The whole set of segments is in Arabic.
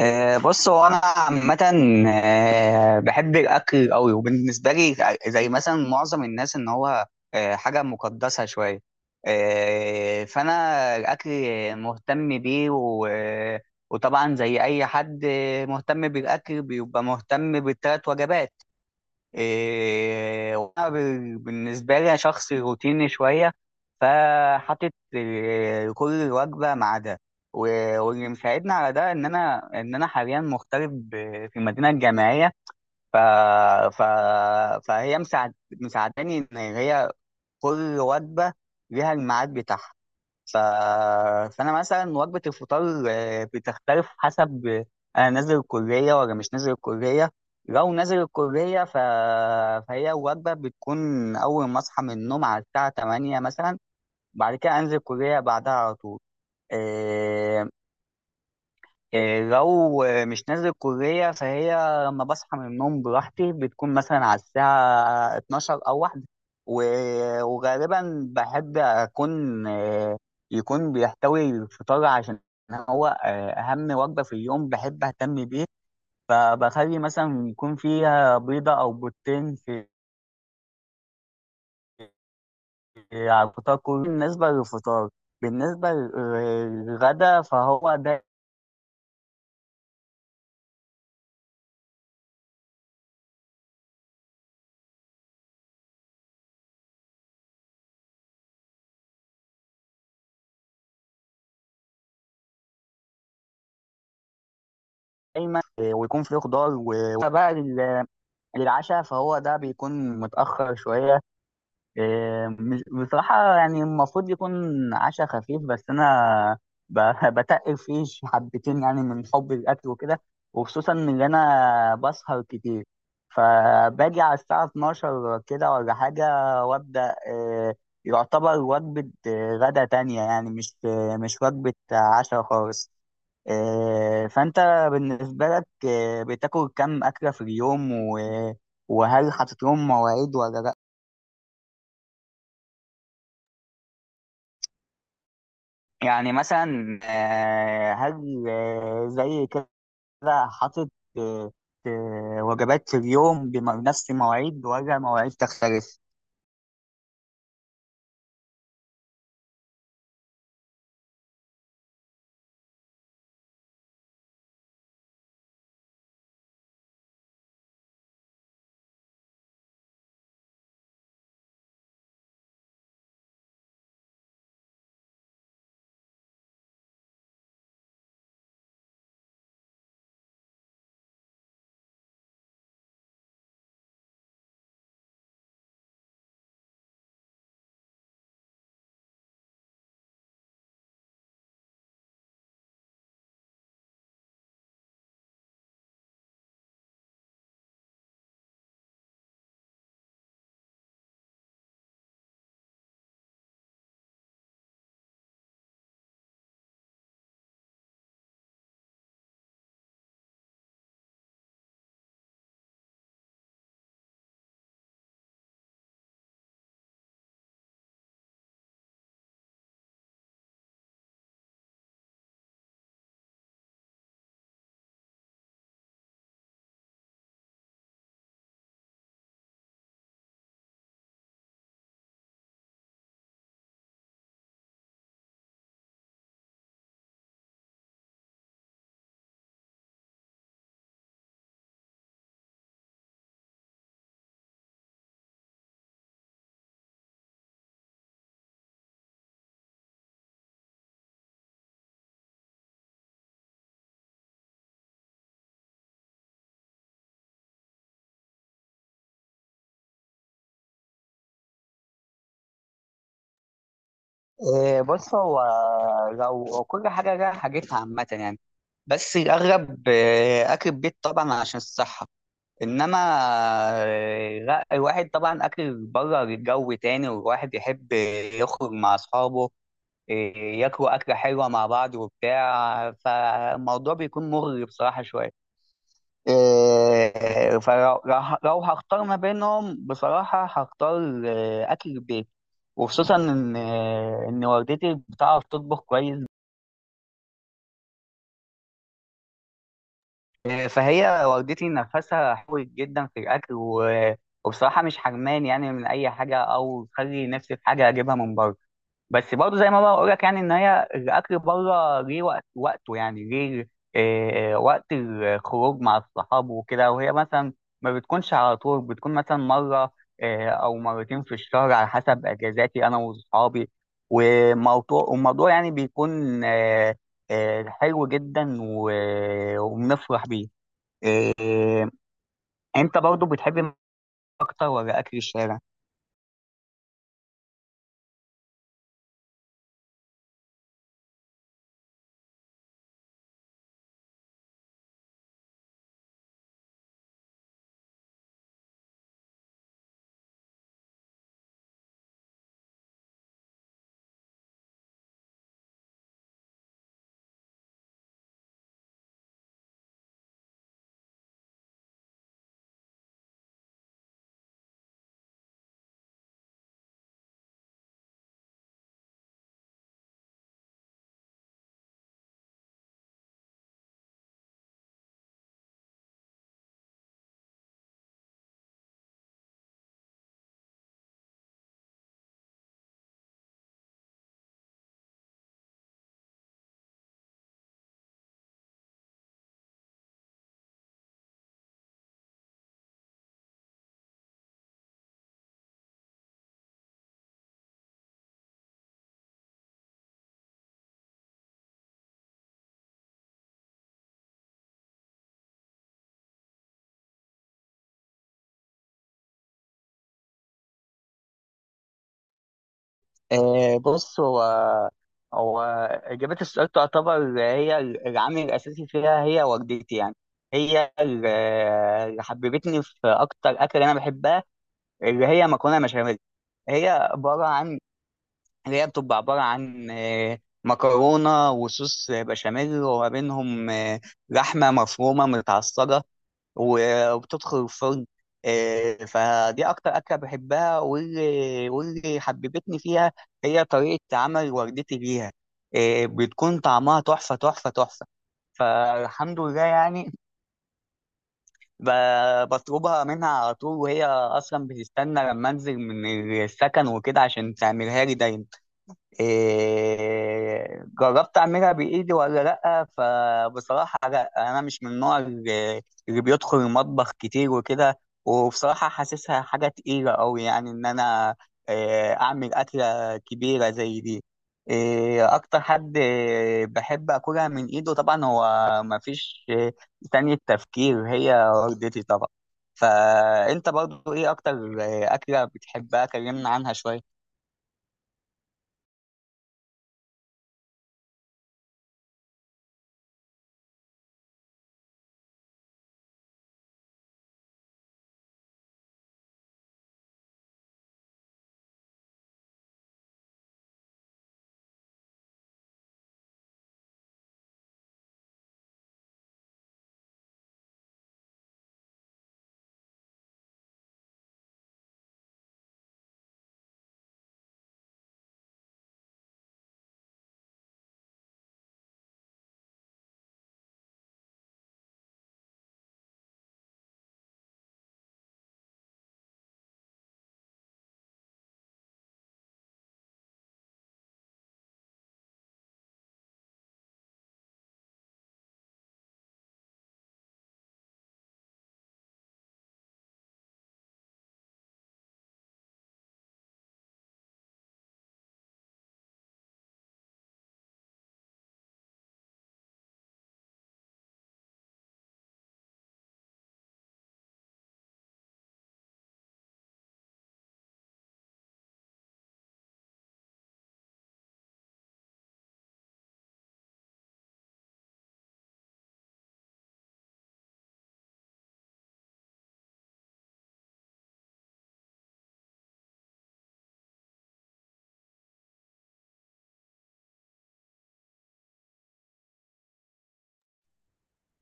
بص هو انا عامه بحب الاكل قوي. وبالنسبه لي زي مثلا معظم الناس، ان هو حاجه مقدسه شويه. فانا الاكل مهتم بيه وطبعا زي اي حد مهتم بالاكل بيبقى مهتم بالثلاث وجبات. وأنا بالنسبة لي أنا شخص روتيني شوية، فحاطط كل وجبة ميعادها. واللي مساعدني على ده إن أنا حاليا مغترب في المدينة الجامعية. ف... ف... فهي مساعد... مساعداني إن هي كل وجبة ليها الميعاد بتاعها. ف... فانا مثلا وجبه الفطار بتختلف حسب انا نازل الكليه ولا مش نازل الكليه. لو نازل الكليه فهي وجبه بتكون اول ما اصحى من النوم على الساعه 8 مثلا، بعد كده انزل الكليه بعدها على طول. آه، إيه، لو مش نازل الكلية فهي لما بصحى من النوم براحتي بتكون مثلا على الساعة 12 أو واحدة. وغالبا بحب أكون يكون بيحتوي الفطار، عشان هو أهم وجبة في اليوم بحب أهتم بيه. فبخلي مثلا يكون فيها بيضة أو بيضتين في على الفطار كله. بالنسبة للفطار، بالنسبة للغدا فهو دايما ويكون فيه خضار. وبقى للعشاء، فهو ده بيكون متأخر شوية. إيه، مش- بصراحة يعني المفروض يكون عشاء خفيف، بس أنا ب- بتقل فيه حبتين يعني من حب الأكل وكده. وخصوصا إن أنا بسهر كتير، فباجي على الساعة 12 كده ولا حاجة، وأبدأ يعتبر وجبة غدا تانية، يعني مش وجبة عشاء خالص. إيه، فأنت بالنسبة لك بتاكل كم أكلة في اليوم وهل حاطط لهم مواعيد ولا لأ؟ يعني مثلا هل زي كده حاطط آه، وجبات في اليوم بنفس المواعيد ولا مواعيد تختلف؟ بص هو لو هو كل حاجة لها حاجتها عامة يعني، بس الأغلب أكل البيت طبعا عشان الصحة. إنما لا، الواحد طبعا أكل بره جو تاني، والواحد يحب يخرج مع أصحابه، إيه، ياكلوا أكلة حلوة مع بعض وبتاع. فالموضوع بيكون مغري بصراحة شوية. إيه، فلو لو لو هختار ما بينهم، بصراحة هختار أكل البيت. وخصوصا إن إن والدتي بتعرف تطبخ كويس. فهي والدتي نفسها حلوة جدا في الأكل. وبصراحة مش حرمان يعني من أي حاجة، أو تخلي نفسي في حاجة أجيبها من بره. بس برضه زي ما بقول لك، يعني ان هي الاكل بره ليه وقت وقته، يعني ليه وقت الخروج مع الصحاب وكده. وهي مثلا ما بتكونش على طول، بتكون مثلا مره او مرتين في الشهر، على حسب اجازاتي انا واصحابي. والموضوع يعني بيكون حلو جدا. وبنفرح بيه. آه، آه، انت برضه بتحب اكتر ولا اكل الشارع؟ بص هو إجابة السؤال تعتبر هي العامل الأساسي فيها، هي والدتي يعني. هي اللي حببتني في أكتر أكل أنا بحبها، اللي هي مكرونة بشاميل. هي عبارة عن اللي هي بتبقى عبارة عن مكرونة وصوص بشاميل، وما بينهم لحمة مفرومة متعصجة. وبتدخل الفرن. فدي اكتر اكله بحبها، واللي حببتني فيها هي طريقه عمل والدتي ليها. بتكون طعمها تحفه تحفه تحفه، فالحمد لله يعني. بطلبها منها على طول، وهي اصلا بتستنى لما انزل من السكن وكده عشان تعملها لي دايما. إيه، جربت اعملها بايدي ولا لا؟ فبصراحه لا، انا مش من النوع اللي بيدخل المطبخ كتير وكده. وبصراحه حاسسها حاجه تقيله قوي، يعني ان انا اعمل اكله كبيره زي دي. اكتر حد بحب اكلها من ايده طبعا هو، مفيش تاني التفكير، هي والدتي طبعا. فانت برضو ايه اكتر اكله بتحبها؟ كلمنا عنها شويه.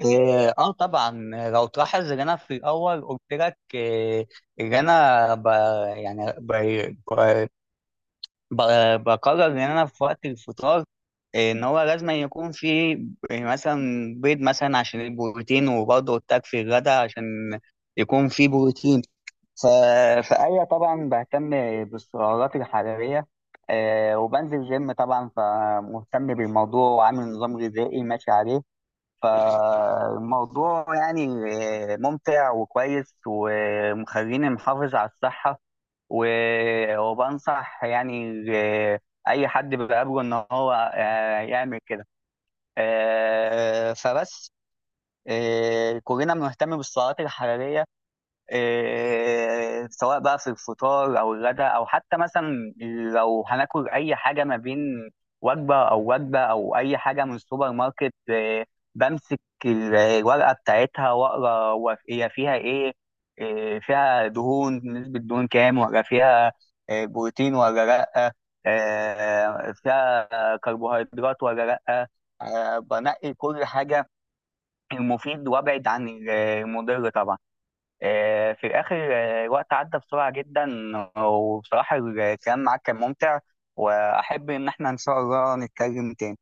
اه طبعا. لو تلاحظ ان انا في الاول قلت لك ان انا ب يعني ب ب- ب- بقرر ان انا في وقت الفطار ان هو لازم يكون في مثلا بيض، مثلا عشان البروتين. وبرضه قلت لك في الغداء عشان يكون في بروتين. ف... فأيوة طبعا بهتم بالسعرات الحرارية. وبنزل جيم طبعا، فمهتم بالموضوع وعامل نظام غذائي ماشي عليه. فالموضوع يعني ممتع وكويس، ومخليني محافظ على الصحة. وبنصح يعني أي حد بقابله إن هو يعمل كده. آه، فبس آه، كلنا بنهتم بالسعرات الحرارية. إيه، سواء بقى في الفطار او الغداء، او حتى مثلا لو هناكل اي حاجه ما بين وجبه او وجبه، او اي حاجه من السوبر ماركت، بمسك الورقه بتاعتها واقرا هو هي فيها ايه. فيها دهون، نسبه دهون كام، ولا فيها بروتين ولا لا، فيها كربوهيدرات ولا لا. بنقي كل حاجه، المفيد، وابعد عن المضر طبعا. في الآخر الوقت عدى بسرعة جدا، وبصراحة الكلام معاك كان ممتع، وأحب إن احنا إن شاء الله نتكلم تاني.